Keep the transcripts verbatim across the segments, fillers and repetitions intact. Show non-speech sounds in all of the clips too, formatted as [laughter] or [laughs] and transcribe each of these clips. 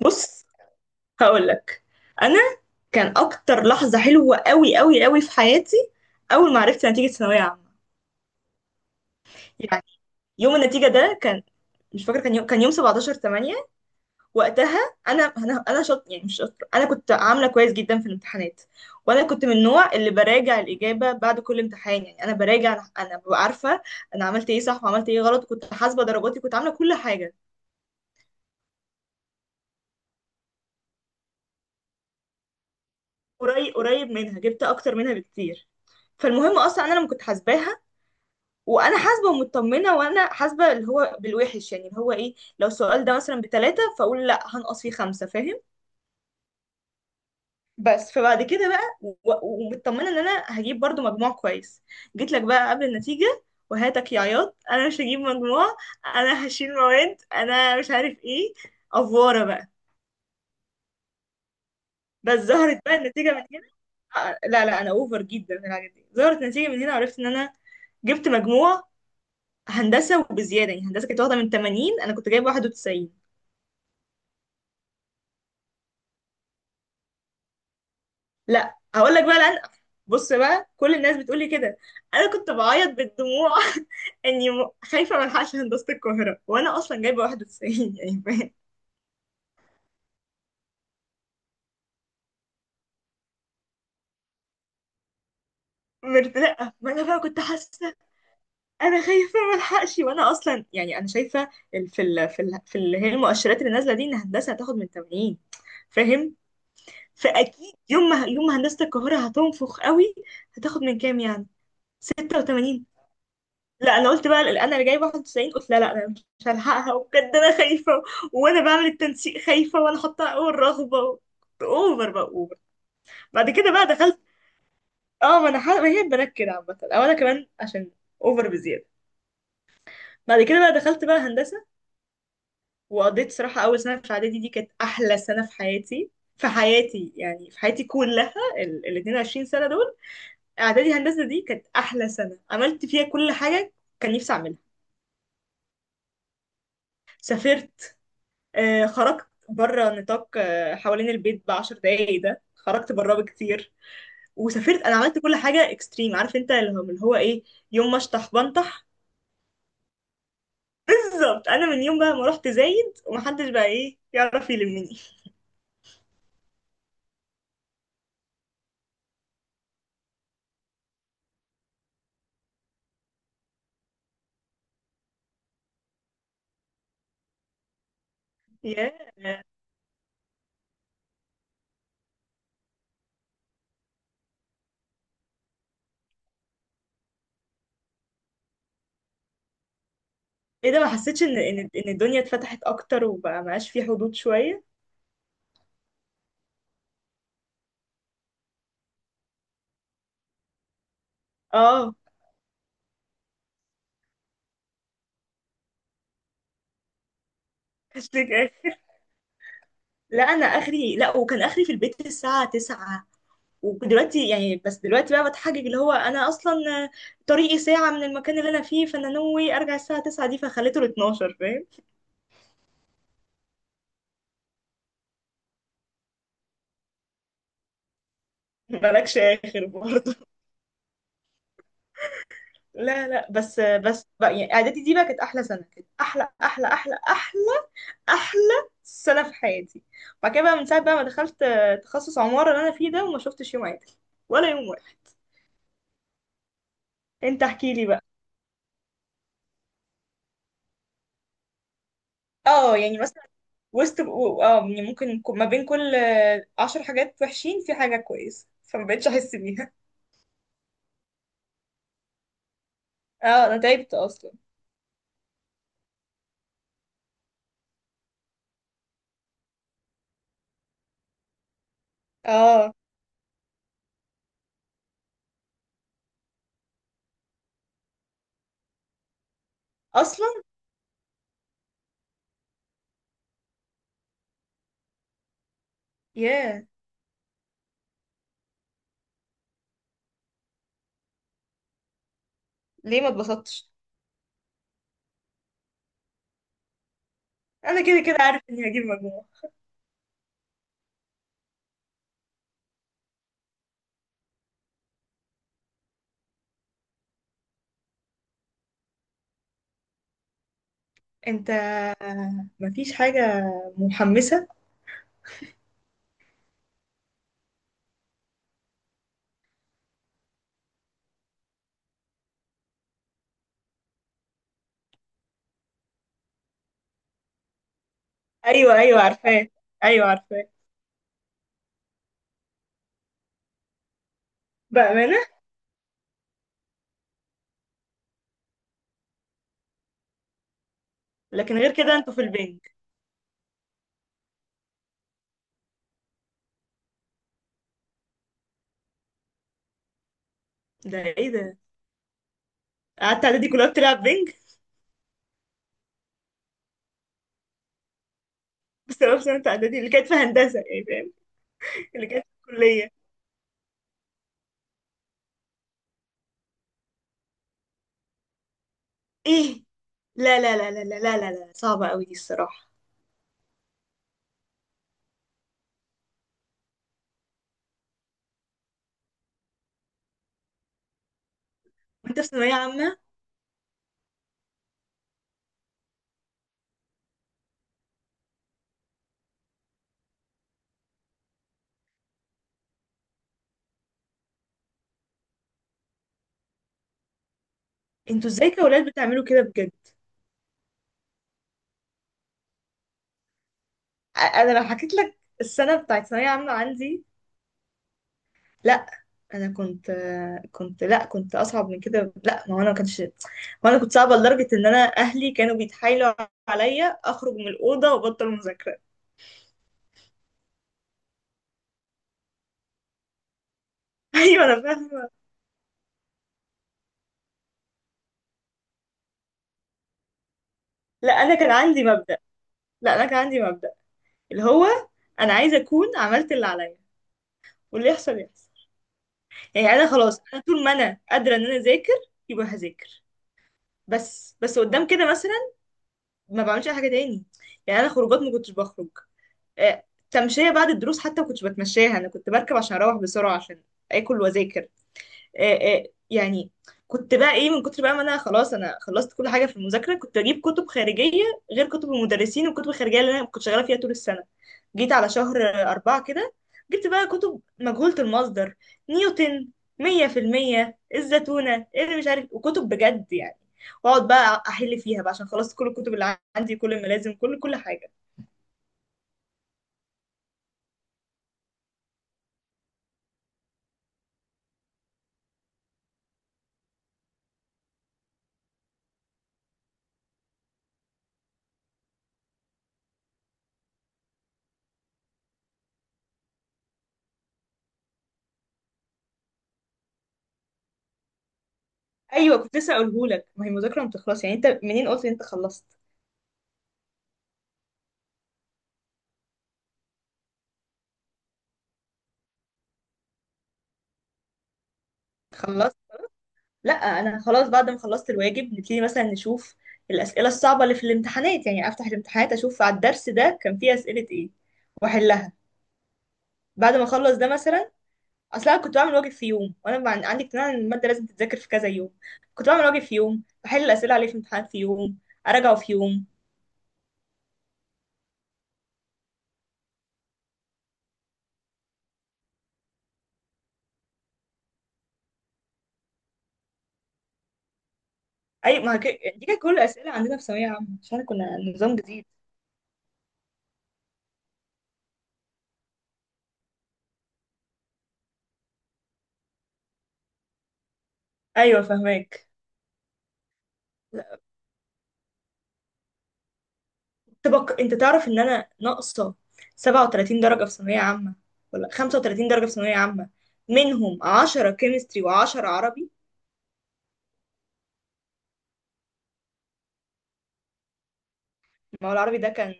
بص، هقولك. انا كان اكتر لحظه حلوه قوي قوي قوي في حياتي اول ما عرفت نتيجه ثانويه عامه. يعني يوم النتيجه ده كان، مش فاكره، كان يوم كان يوم سبعة عشر ثمانية. وقتها انا انا انا شاط، يعني مش شاطره، انا كنت عامله كويس جدا في الامتحانات. وانا كنت من النوع اللي براجع الاجابه بعد كل امتحان. يعني انا براجع انا أنا ببقى عارفه انا عملت ايه صح وعملت ايه غلط، كنت حاسبه درجاتي، كنت عامله كل حاجه. قريب قريب منها، جبت اكتر منها بكتير. فالمهم اصلا انا لما كنت حاسباها وانا حاسبه ومطمنه، وانا حاسبه اللي هو بالوحش، يعني اللي هو ايه، لو السؤال ده مثلا بتلاته فاقول لا هنقص فيه خمسه، فاهم؟ بس فبعد كده بقى و- ومطمنه ان انا هجيب برضو مجموع كويس. جيت لك بقى قبل النتيجه وهاتك يا عياط، انا مش هجيب مجموع، انا هشيل مواد، انا مش عارف ايه، افواره بقى. بس ظهرت بقى النتيجه من هنا. آه، لا لا، انا اوفر جدا في الحاجات دي. ظهرت نتيجه من هنا، عرفت ان انا جبت مجموع هندسه وبزياده. يعني هندسه كانت واخده من تمانين، انا كنت جايبه واحد وتسعين. لا هقول لك بقى لأن، بص بقى، كل الناس بتقول لي كده، انا كنت بعيط بالدموع [laughs] اني م- خايفه ما الحقش هندسه القاهره وانا اصلا جايبه واحد وتسعين، يعني فاهم. مرتاحه؟ ما انا بقى كنت حاسه انا خايفه ما الحقش، وانا اصلا يعني انا شايفه ال- في ال في ال في اللي هي المؤشرات اللي نازله دي، ان هندسه هتاخد من تمانين، فاهم. فاكيد يوم ما يوم ما هندسه القاهره هتنفخ قوي، هتاخد من كام يعني، ستة وتمانين. لا انا قلت بقى ال- انا اللي جايبه واحد وتسعين، قلت لا لا، انا مش هلحقها، وبجد انا خايفه. وانا بعمل التنسيق خايفه، وانا حاطه اول رغبه كنت اوفر بقى، اوفر. بعد كده بقى دخلت. اه، ما انا ح- ما هي البنات كده عامه، او انا كمان عشان اوفر بزياده. بعد كده بقى دخلت بقى هندسه، وقضيت صراحه اول سنه في اعدادي دي كانت احلى سنه في حياتي. في حياتي يعني، في حياتي كلها ال ال اثنين وعشرين سنه دول، اعدادي هندسه دي كانت احلى سنه، عملت فيها كل حاجه كان نفسي اعملها. سافرت، آه، خرجت بره نطاق، آه، حوالين البيت بعشر دقايق ده، خرجت براه بكتير. وسافرت، انا عملت كل حاجه اكستريم، عارف انت، اللي هو اللي هو ايه، يوم ما اشطح بنطح. بالظبط، انا من يوم بقى ما رحت زايد ومحدش بقى ايه يعرف يلمني. [laughs] يا. ايه ده، ما حسيتش ان ان ان الدنيا اتفتحت اكتر وبقى معاش في حدود شويه؟ اه. [laughs] هاشتاج آخر. لا انا اخري، لا، وكان اخري في البيت الساعه تسعة. ودلوقتي يعني، بس دلوقتي بقى بتحجج اللي هو انا اصلا طريقي ساعة من المكان اللي انا فيه، فانا نوي ارجع الساعة تسعة دي فخليته ل اثنا عشر، فاهم. [laughs] مالكش اخر برضه. [laughs] لا لا، بس بس بقى، يعني اعدادي دي بقى كانت احلى سنة، كانت احلى احلى احلى احلى احلى سنة في حياتي. بعد كده بقى، من ساعة بقى ما دخلت تخصص عمارة اللي انا فيه ده، وما شفتش يوم عادل ولا يوم واحد. انت احكي لي بقى. اه يعني مثلا وسط، و- اه يعني ممكن ك- ما بين كل آه، عشر حاجات وحشين في حاجة كويسة، فما بقتش احس بيها. [laughs] اه انا تعبت اصلا. اه اصلا. ياه. ليه ما اتبسطتش؟ انا كده كده عارف اني هجيب مجموع. انت مفيش حاجة محمسة؟ ايوه ايوه، عارفاه. ايوه عارفاه. بأمانة. لكن غير كده انتوا في البنج. ده ايه ده، قعدت اعدادي كلها بتلعب بنج؟ [laughs] بسبب سنة اعدادي اللي كانت في هندسة، يعني فاهم؟ اللي كانت في الكلية. ايه؟ لا لا لا لا لا لا لا لا، صعبة قوي دي الصراحة. وانت في ثانوية عامة؟ انتوا ازاي كأولاد بتعملوا كده بجد؟ أ- انا لو حكيت لك السنة بتاعت ثانوية عامة عندي. لا انا كنت كنت لا كنت اصعب من كده. لا، ما هو انا ما كانش، ما انا كنت صعبة لدرجة ان انا اهلي كانوا بيتحايلوا عليا اخرج من الأوضة وابطل مذاكرة. [laughs] ايوه انا فاهمة. لا انا كان عندي مبدأ لا انا كان عندي مبدأ اللي هو، انا عايزة اكون عملت اللي عليا واللي يحصل يحصل. يعني انا خلاص، انا طول ما انا قادرة ان انا اذاكر يبقى هذاكر. بس بس قدام كده مثلا ما بعملش اي حاجه تاني. يعني انا خروجات ما كنتش بخرج. آه، تمشيه بعد الدروس حتى ما كنتش بتمشاها، انا كنت بركب عشان اروح بسرعه عشان اكل واذاكر. آه، آه، يعني كنت بقى ايه، من كتر بقى ما انا خلاص انا خلصت كل حاجه في المذاكره، كنت اجيب كتب خارجيه غير كتب المدرسين والكتب الخارجيه اللي انا كنت شغاله فيها طول السنه. جيت على شهر آه، أربعة كده، جبت بقى كتب مجهولة المصدر، نيوتن، مية في المية الزتونة، اللي مش عارف، وكتب بجد يعني. واقعد بقى احل فيها بقى عشان خلصت كل الكتب اللي عندي، كل الملازم، كل كل حاجه. ايوه كنت لسه اقولهولك، ما هي المذاكره ما بتخلص، يعني انت منين قلت ان انت خلصت؟ خلصت. لا انا خلاص بعد ما خلصت الواجب نبتدي مثلا نشوف الاسئله الصعبه اللي في الامتحانات. يعني افتح الامتحانات اشوف على الدرس ده كان فيه اسئله ايه واحلها. بعد ما اخلص ده مثلا. اصل انا كنت بعمل واجب في يوم، وانا بع- عندي اقتناع ان الماده لازم تتذاكر في كذا يوم. كنت بعمل واجب في يوم، بحل الاسئله عليه في امتحانات في يوم، اراجعه في يوم. اي ما هك... دي كانت كل الاسئله عندنا في ثانويه عامه عشان كنا نظام جديد. ايوه فهماك. طبق، انت تعرف ان انا ناقصه سبعة وتلاتين درجه في ثانويه عامه، ولا خمسة وثلاثين درجه في ثانويه عامه، منهم عشرة كيمستري و10 عربي. ما هو العربي ده كان،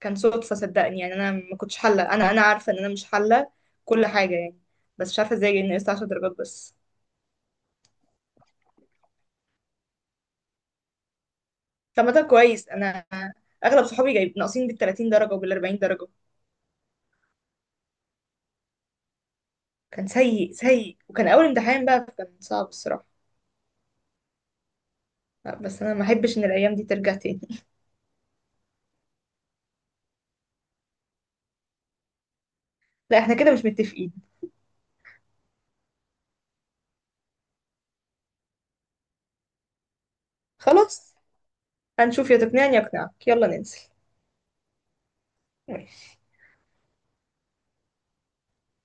كان صدفه صدقني. يعني انا ما كنتش حله، انا انا عارفه ان انا مش حله كل حاجه يعني. بس مش عارفه ازاي نقصت عشر درجات بس. طب ما ده كويس، انا اغلب صحابي جايب ناقصين بال تلاتين درجه وبال أربعين درجه. كان سيء سيء وكان اول امتحان بقى، كان صعب الصراحه. لا، بس انا ما احبش ان الايام دي ترجع تاني. لا احنا كده مش متفقين. خلاص، هنشوف، يا تقنعني يا اقنعك، يلا ننزل. ماشي.